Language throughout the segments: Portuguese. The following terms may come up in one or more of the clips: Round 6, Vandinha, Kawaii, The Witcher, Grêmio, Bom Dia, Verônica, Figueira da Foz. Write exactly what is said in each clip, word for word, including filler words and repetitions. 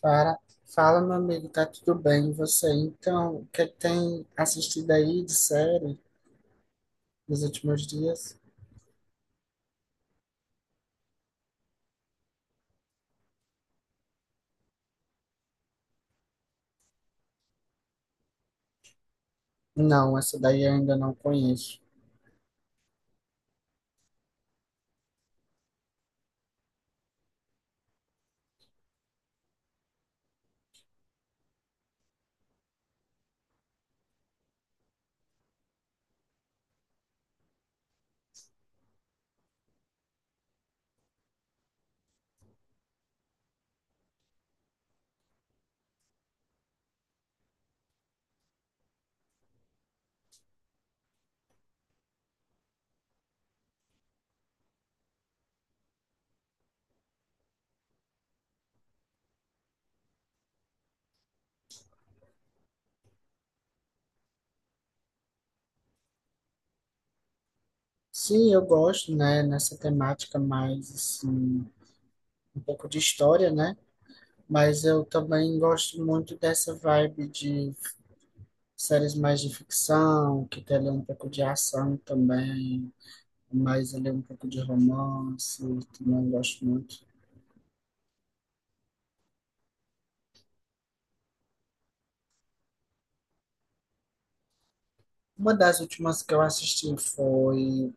Fala, fala, meu amigo, tá tudo bem? E você? Então, o que tem assistido aí de série nos últimos dias? Não, essa daí eu ainda não conheço. Sim, eu gosto, né, nessa temática mais, assim, um pouco de história, né? Mas eu também gosto muito dessa vibe de séries mais de ficção, que tem ali um pouco de ação também, mais ali um pouco de romance, também gosto muito. Uma das últimas que eu assisti foi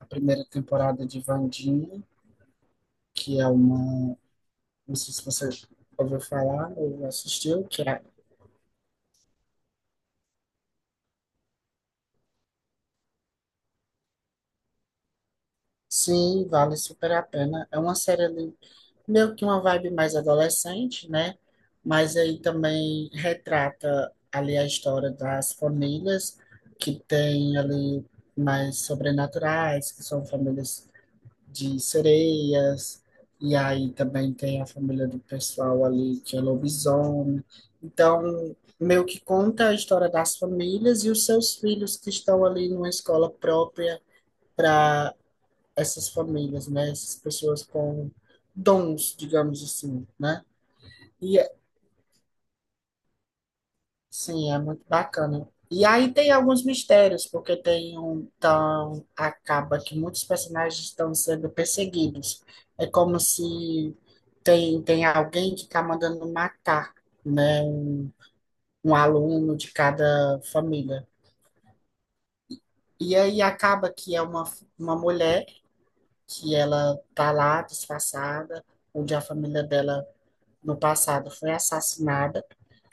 a primeira temporada de Vandinha, que é uma. Não sei se você ouviu falar ou assistiu, que é. Sim, vale super a pena. É uma série ali, meio que uma vibe mais adolescente, né? Mas aí também retrata ali a história das famílias que tem ali mais sobrenaturais, que são famílias de sereias, e aí também tem a família do pessoal ali que é lobisomem. Então, meio que conta a história das famílias e os seus filhos que estão ali numa escola própria para essas famílias, né? Essas pessoas com dons, digamos assim, né? E Sim, é muito bacana. E aí tem alguns mistérios, porque tem um tão acaba que muitos personagens estão sendo perseguidos. É como se tem, tem alguém que está mandando matar, né, um, um aluno de cada família. E aí acaba que é uma, uma mulher que ela tá lá disfarçada, onde a família dela no passado foi assassinada.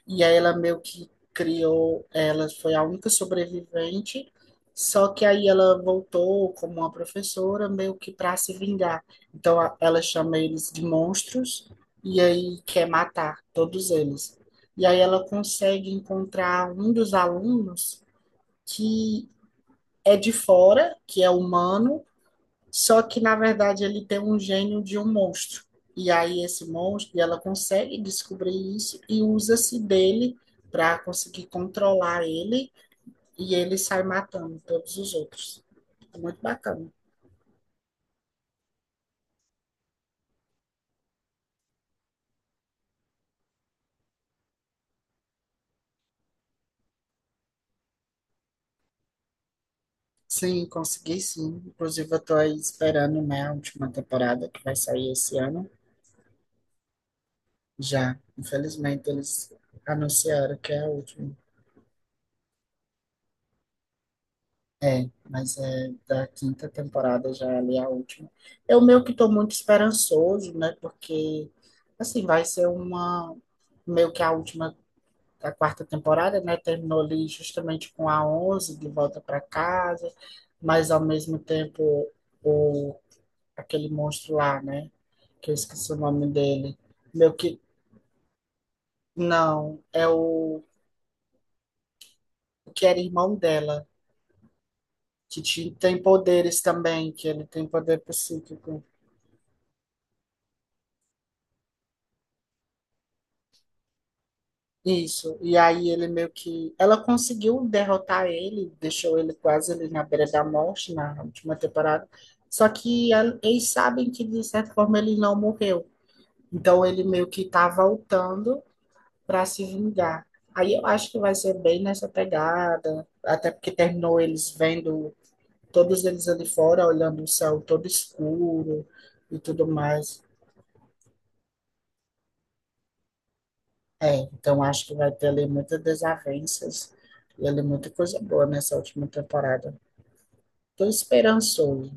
E aí ela meio que criou, ela foi a única sobrevivente, só que aí ela voltou como uma professora meio que para se vingar. Então a- ela chama eles de monstros e aí quer matar todos eles. E aí ela consegue encontrar um dos alunos que é de fora, que é humano, só que, na verdade, ele tem um gênio de um monstro. E aí, esse monstro, e ela consegue descobrir isso e usa-se dele para conseguir controlar ele. E ele sai matando todos os outros. É muito bacana. Sim, consegui sim. Inclusive, eu tô aí esperando, né, a última temporada que vai sair esse ano. Já, infelizmente, eles anunciaram que é a última. É, mas é da quinta temporada já ali a última. Eu meio que estou muito esperançoso, né? Porque, assim, vai ser uma. Meio que a última, a quarta temporada, né? Terminou ali justamente com a Onze de volta para casa. Mas, ao mesmo tempo, o, aquele monstro lá, né? Que eu esqueci o nome dele. Meio que. Não, é o, o que era irmão dela. Que ti- tem poderes também, que ele tem poder psíquico. Isso. E aí ele meio que. Ela conseguiu derrotar ele, deixou ele quase ali na beira da morte na última temporada. Só que el- eles sabem que, de certa forma, ele não morreu. Então ele meio que tá voltando para se vingar. Aí eu acho que vai ser bem nessa pegada, até porque terminou eles vendo todos eles ali fora, olhando o céu todo escuro e tudo mais. É, então acho que vai ter ali muitas desavenças e ali muita coisa boa nessa última temporada. Tô esperançoso.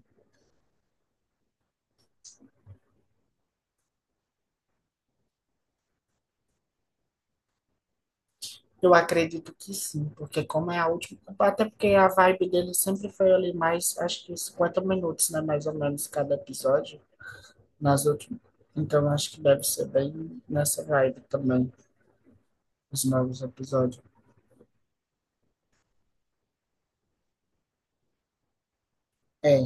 Eu acredito que sim, porque como é a última, até porque a vibe dele sempre foi ali mais, acho que cinquenta minutos, né, mais ou menos cada episódio nas últimas. Então acho que deve ser bem nessa vibe também os novos episódios. É,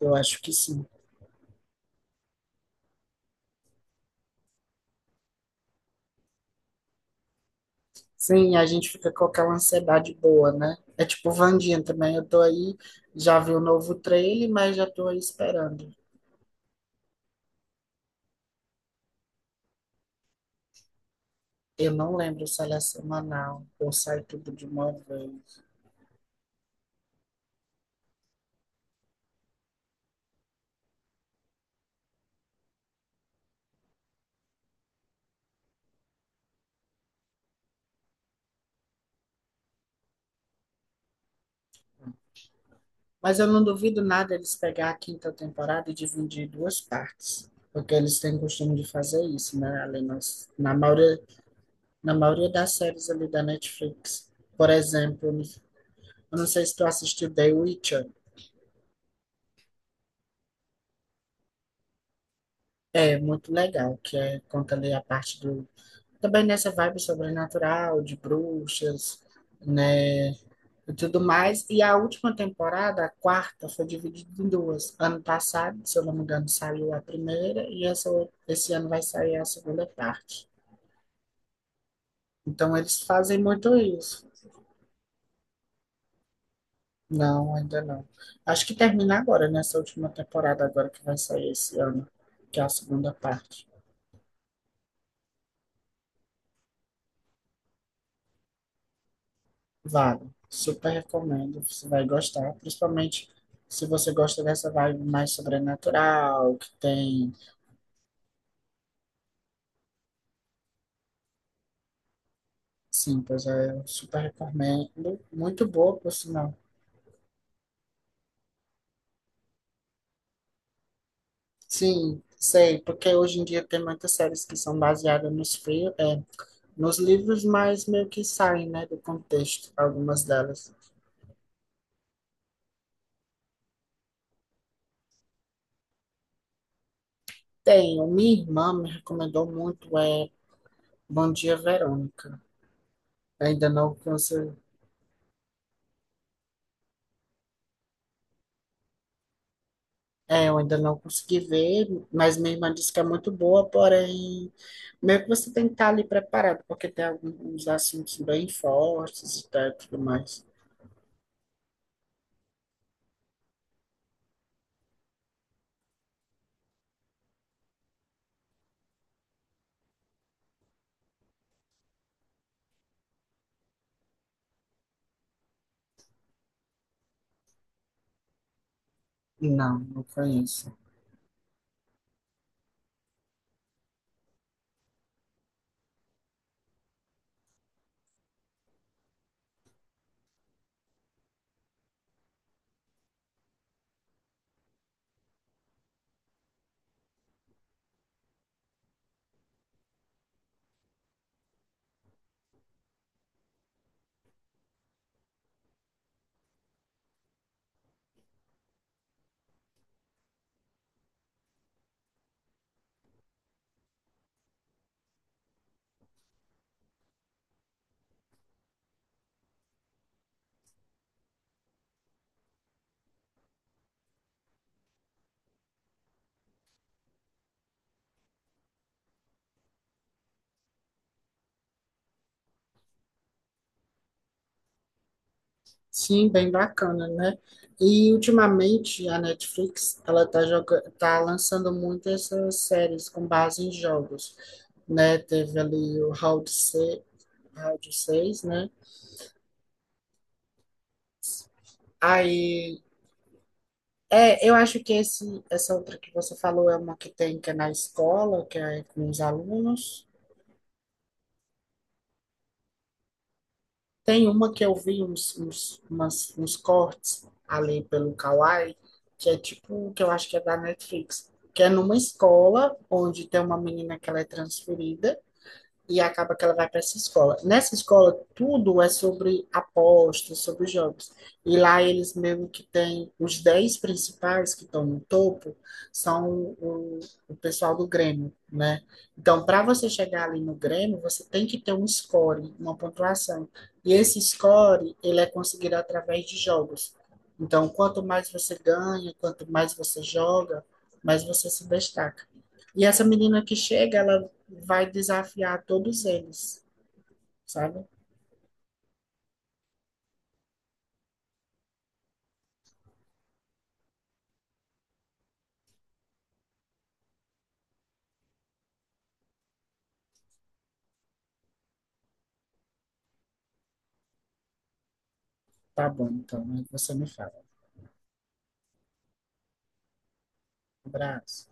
eu acho que sim. Sim, a gente fica com aquela ansiedade boa, né? É tipo Vandinha também. Eu tô aí, já vi o novo trailer, mas já tô aí esperando. Eu não lembro se ela é semanal ou sai tudo de uma vez. Mas eu não duvido nada eles pegar a quinta temporada e dividir em duas partes. Porque eles têm costume de fazer isso, né? Ali nas, na maioria, na maioria das séries ali da Netflix. Por exemplo, eu não sei se tu assistiu The Witcher. É muito legal, que é, conta ali a parte do também nessa vibe sobrenatural, de bruxas, né? E tudo mais. E a última temporada, a quarta, foi dividida em duas. Ano passado, se eu não me engano, saiu a primeira, e essa, esse ano vai sair a segunda parte. Então, eles fazem muito isso. Não, ainda não. Acho que termina agora, nessa última temporada, agora que vai sair esse ano, que é a segunda parte. Vale, super recomendo, você vai gostar, principalmente se você gosta dessa vibe mais sobrenatural, que tem, sim, pois é, eu super recomendo, muito boa, por sinal. Sim, sei, porque hoje em dia tem muitas séries que são baseadas nos, fi- é, nos livros, mas meio que saem, né, do contexto, algumas delas. Tem, minha irmã me recomendou muito, é Bom Dia, Verônica. Ainda não conheço. É, eu ainda não consegui ver, mas minha irmã disse que é muito boa, porém, meio que você tem que estar ali preparado, porque tem alguns assuntos bem fortes e tal e tudo mais. Não, não conheço. Sim, bem bacana, né? E ultimamente a Netflix, ela tá joga tá lançando muito essas séries com base em jogos, né? Teve ali o Round seis, Round seis, né? Aí É, eu acho que esse, essa outra que você falou é uma que tem que é na escola, que é com os alunos. Tem uma que eu vi uns, uns, umas- uns cortes ali pelo Kawaii, que é tipo, que eu acho que é da Netflix, que é numa escola onde tem uma menina que ela é transferida e acaba que ela vai para essa escola. Nessa escola, tudo é sobre apostas, sobre jogos. E lá eles mesmo que têm os dez principais que estão no topo, são o, o pessoal do Grêmio, né? Então, para você chegar ali no Grêmio, você tem que ter um score, uma pontuação. E esse score, ele é conseguido através de jogos. Então, quanto mais você ganha, quanto mais você joga, mais você se destaca. E essa menina que chega, ela vai desafiar todos eles, sabe? Tá bom, então, aí você me fala. Um abraço.